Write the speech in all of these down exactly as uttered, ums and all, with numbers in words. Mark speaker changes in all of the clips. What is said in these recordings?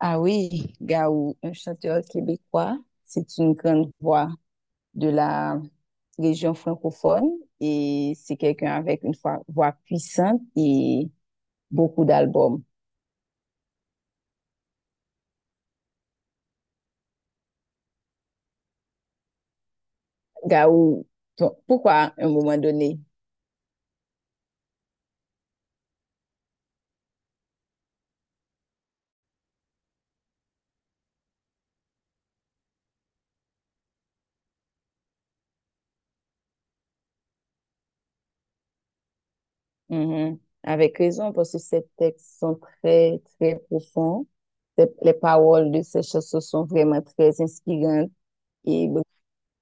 Speaker 1: Ah oui, Gaou, un chanteur québécois, c'est une grande voix de la région francophone et c'est quelqu'un avec une foi- voix puissante et beaucoup d'albums. Gaou, ton- pourquoi à un moment donné? Mhm. Avec raison, parce que ces textes sont très, très profonds. Les les paroles de ces chansons sont vraiment très inspirantes et beaucoup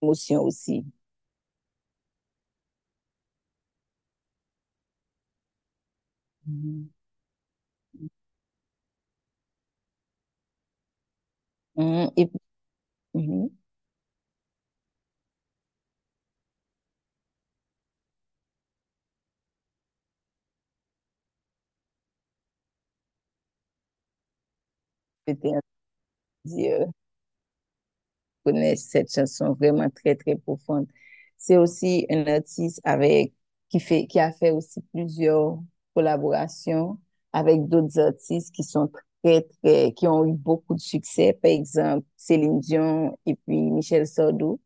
Speaker 1: d'émotions aussi. Mhm. Mhm. Et mhm. C'était un plaisir. Connaissent cette chanson vraiment très, très profonde. C'est aussi un artiste avec, qui fait, qui a fait aussi plusieurs collaborations avec d'autres artistes qui sont très, très, qui ont eu beaucoup de succès. Par exemple, Céline Dion et puis Michel Sardou.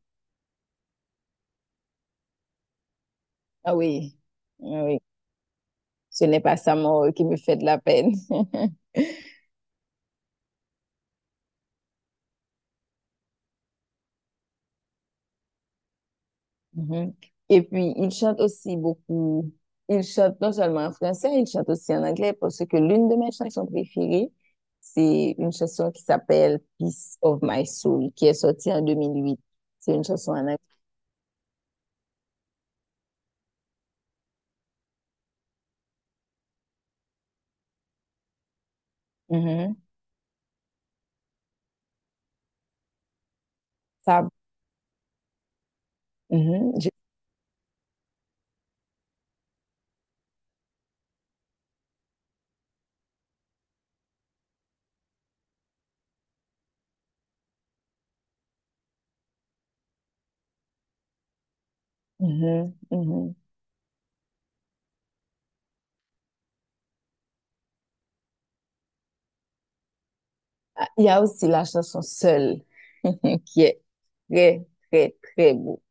Speaker 1: Ah oui, ah oui. Ce n'est pas sa mort qui me fait de la peine. Mhm. Et puis, il chante aussi beaucoup. Il chante non seulement en français, il chante aussi en anglais parce que l'une de mes chansons préférées, c'est une chanson qui s'appelle Peace of My Soul, qui est sortie en deux mille huit. C'est une chanson en anglais. Mhm. Ça- mhm. Je- mhm. Mhm. Ah, il y a aussi la chanson Seule, qui est très, très, très beau.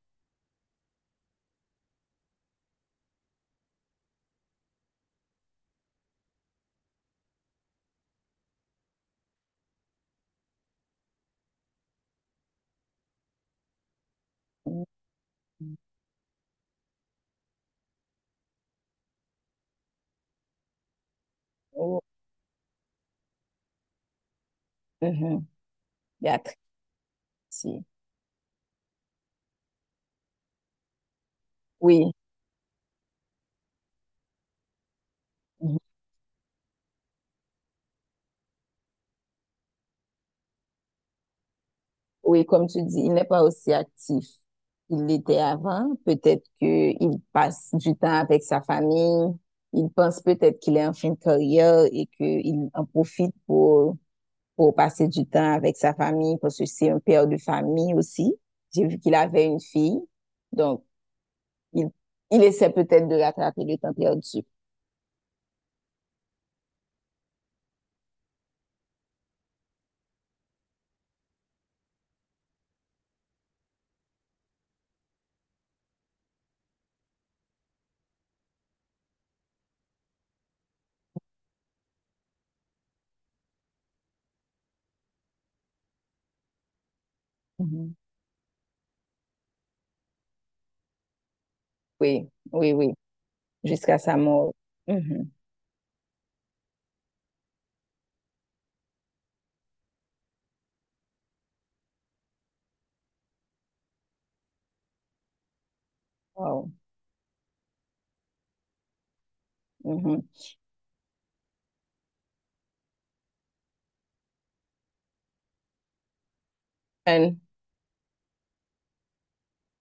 Speaker 1: Mhm. Oh. Mhm. Il y a très- si. Oui. Mm-hmm. Oui, comme tu dis, il n'est pas aussi actif qu'il l'était avant. Peut-être qu'il passe du temps avec sa famille. Il pense peut-être qu'il est en fin de carrière et qu'il en profite pour, pour passer du temps avec sa famille parce que c'est un père de famille aussi. J'ai vu qu'il avait une fille. Donc, il, il essaie peut-être de rattraper le temps perdu. Mhm. Oui, oui, oui. Jusqu'à sa mort. Mhm. Wow. Mhm. And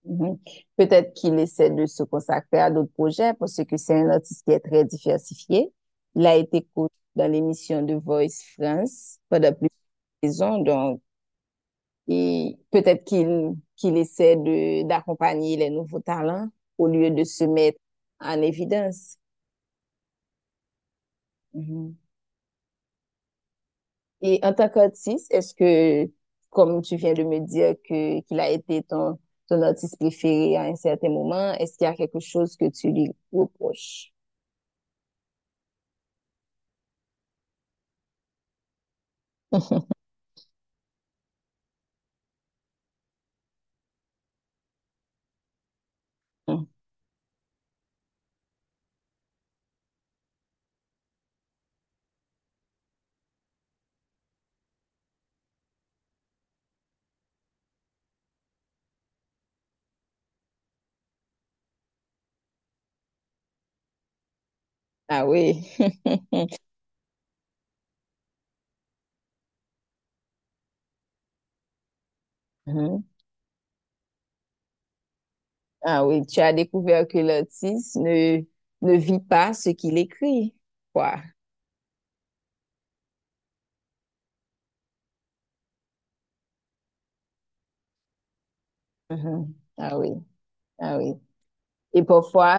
Speaker 1: mhm. Peut-être qu'il essaie de se consacrer à d'autres projets parce que c'est un artiste qui est très diversifié. Il a été coach dans l'émission de Voice France pendant plusieurs saisons, donc et peut-être qu'il qu'il essaie de d'accompagner les nouveaux talents au lieu de se mettre en évidence. Mhm. Et en tant qu'artiste, est-ce que, comme tu viens de me dire que qu'il a été ton ton artiste préféré à un certain moment, est-ce qu'il y a quelque chose que tu lui reproches? Mm. Ah oui. Mhm. Ah oui, tu as découvert que l'artiste ne, ne vit pas ce qu'il écrit, quoi. Mhm. Ah oui, ah oui. Et parfois,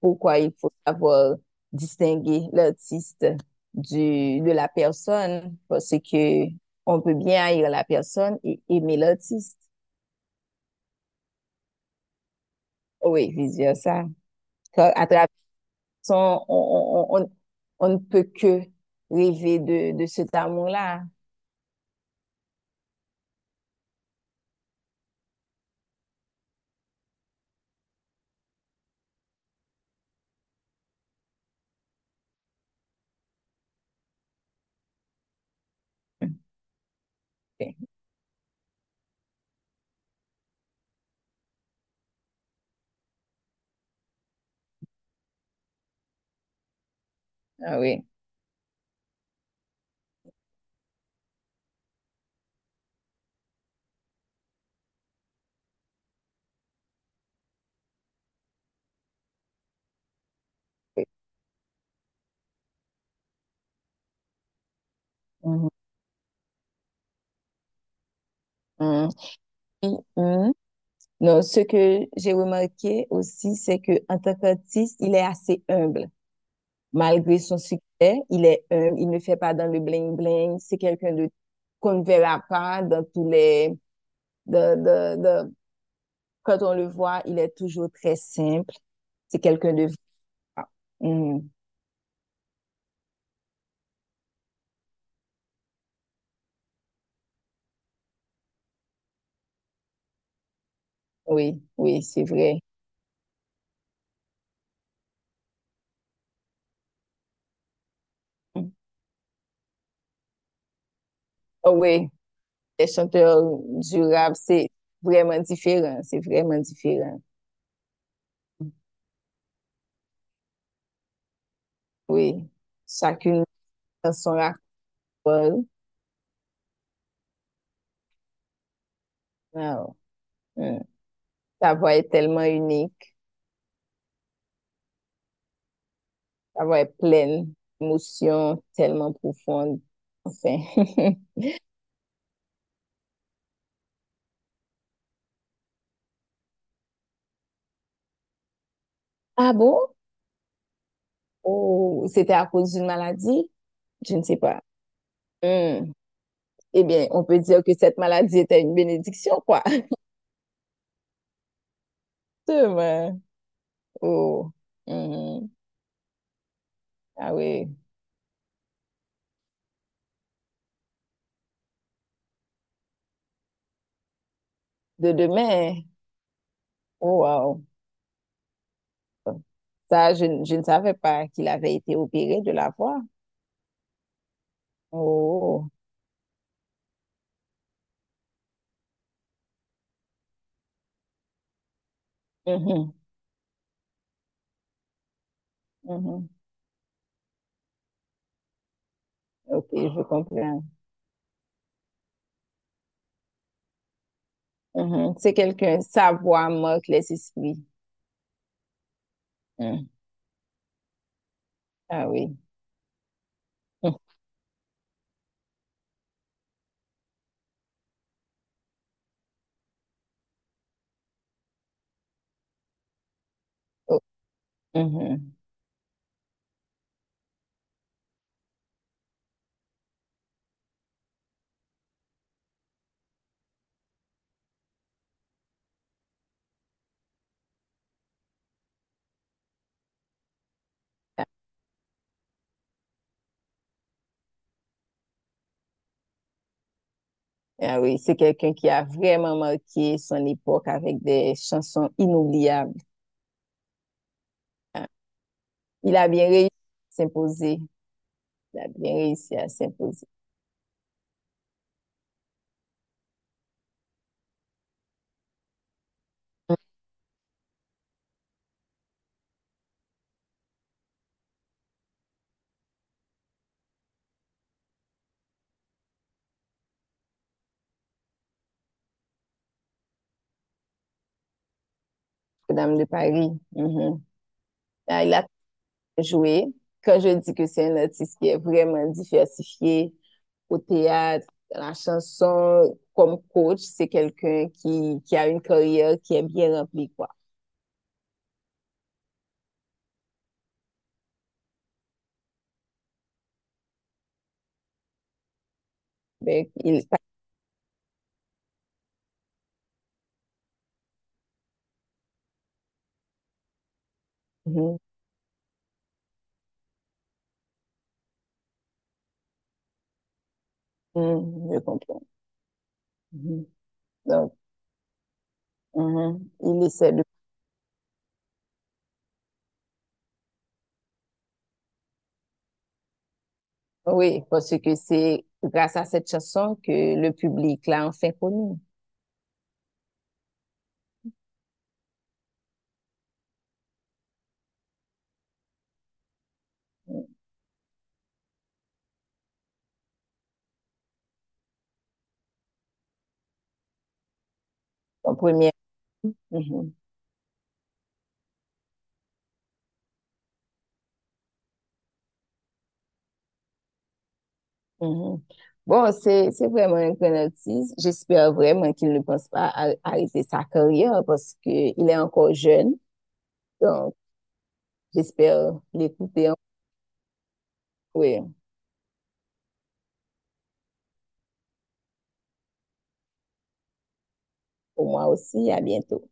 Speaker 1: pourquoi il faut savoir distinguer l'artiste du, de la personne, parce que on peut bien haïr la personne et aimer l'artiste. Oh oui, vice ça. À travers son, on, on, on on ne peut que rêver de, de cet amour-là. Ok. Ah oui. Oui. Mhm. Hum, oui, hum. Non, ce que j'ai remarqué aussi, c'est que en tant qu'artiste, il est assez humble. Malgré son succès, il est humble. Il ne fait pas dans le bling bling. C'est quelqu'un de qu'on ne verra pas dans tous les. De, de, de- Quand on le voit, il est toujours très simple. C'est quelqu'un de. Hum, hum. Oui, oui, c'est vrai. Hum. Oh, oui, les chanteurs du rap, c'est vraiment différent. C'est vraiment différent. Oui, chacune dans son rap. Wow. Hmm. Ta voix est tellement unique, ta voix est pleine d'émotions tellement profondes. Enfin. Ah bon? Oh, c'était à cause d'une maladie? Je ne sais pas. Hmm. Eh bien, on peut dire que cette maladie était une bénédiction, quoi. Demain. Oh. Mhm. Ah oui. De demain. Oh, wow. Ça, je, ne- Je ne savais pas qu'il avait été opéré de la voix. Oh. Mhm. Mhm. Ok, je comprends. Mhm. C'est quelqu'un, sa voix marque les esprits. Mhm. Ah oui. Mhm. Oh, mhm. Ah ah oui, c'est quelqu'un qui a vraiment marqué son époque avec des chansons inoubliables. Ah, il a bien réussi à s'imposer. Il a bien réussi à s'imposer. Madame de Paris. Mhm. Ah, il a joué. Quand je dis que c'est un artiste qui est vraiment diversifié au théâtre, à la chanson, comme coach, c'est quelqu'un qui, qui a une carrière qui est bien remplie, quoi. Ben, il, mhm. Mhm. Je comprends. Mhm. Donc, mhm. Il essaie de... Oui, parce que c'est grâce à cette chanson que le public l'a enfin connu. Mmh, en première. Mhm. Mhm. Bon, c'est, c'est vraiment un grand artiste. J'espère vraiment qu'il ne pense pas à arrêter sa carrière parce qu'il est encore jeune. Donc, j'espère l'écouter. Oui, pour moi aussi. À bientôt.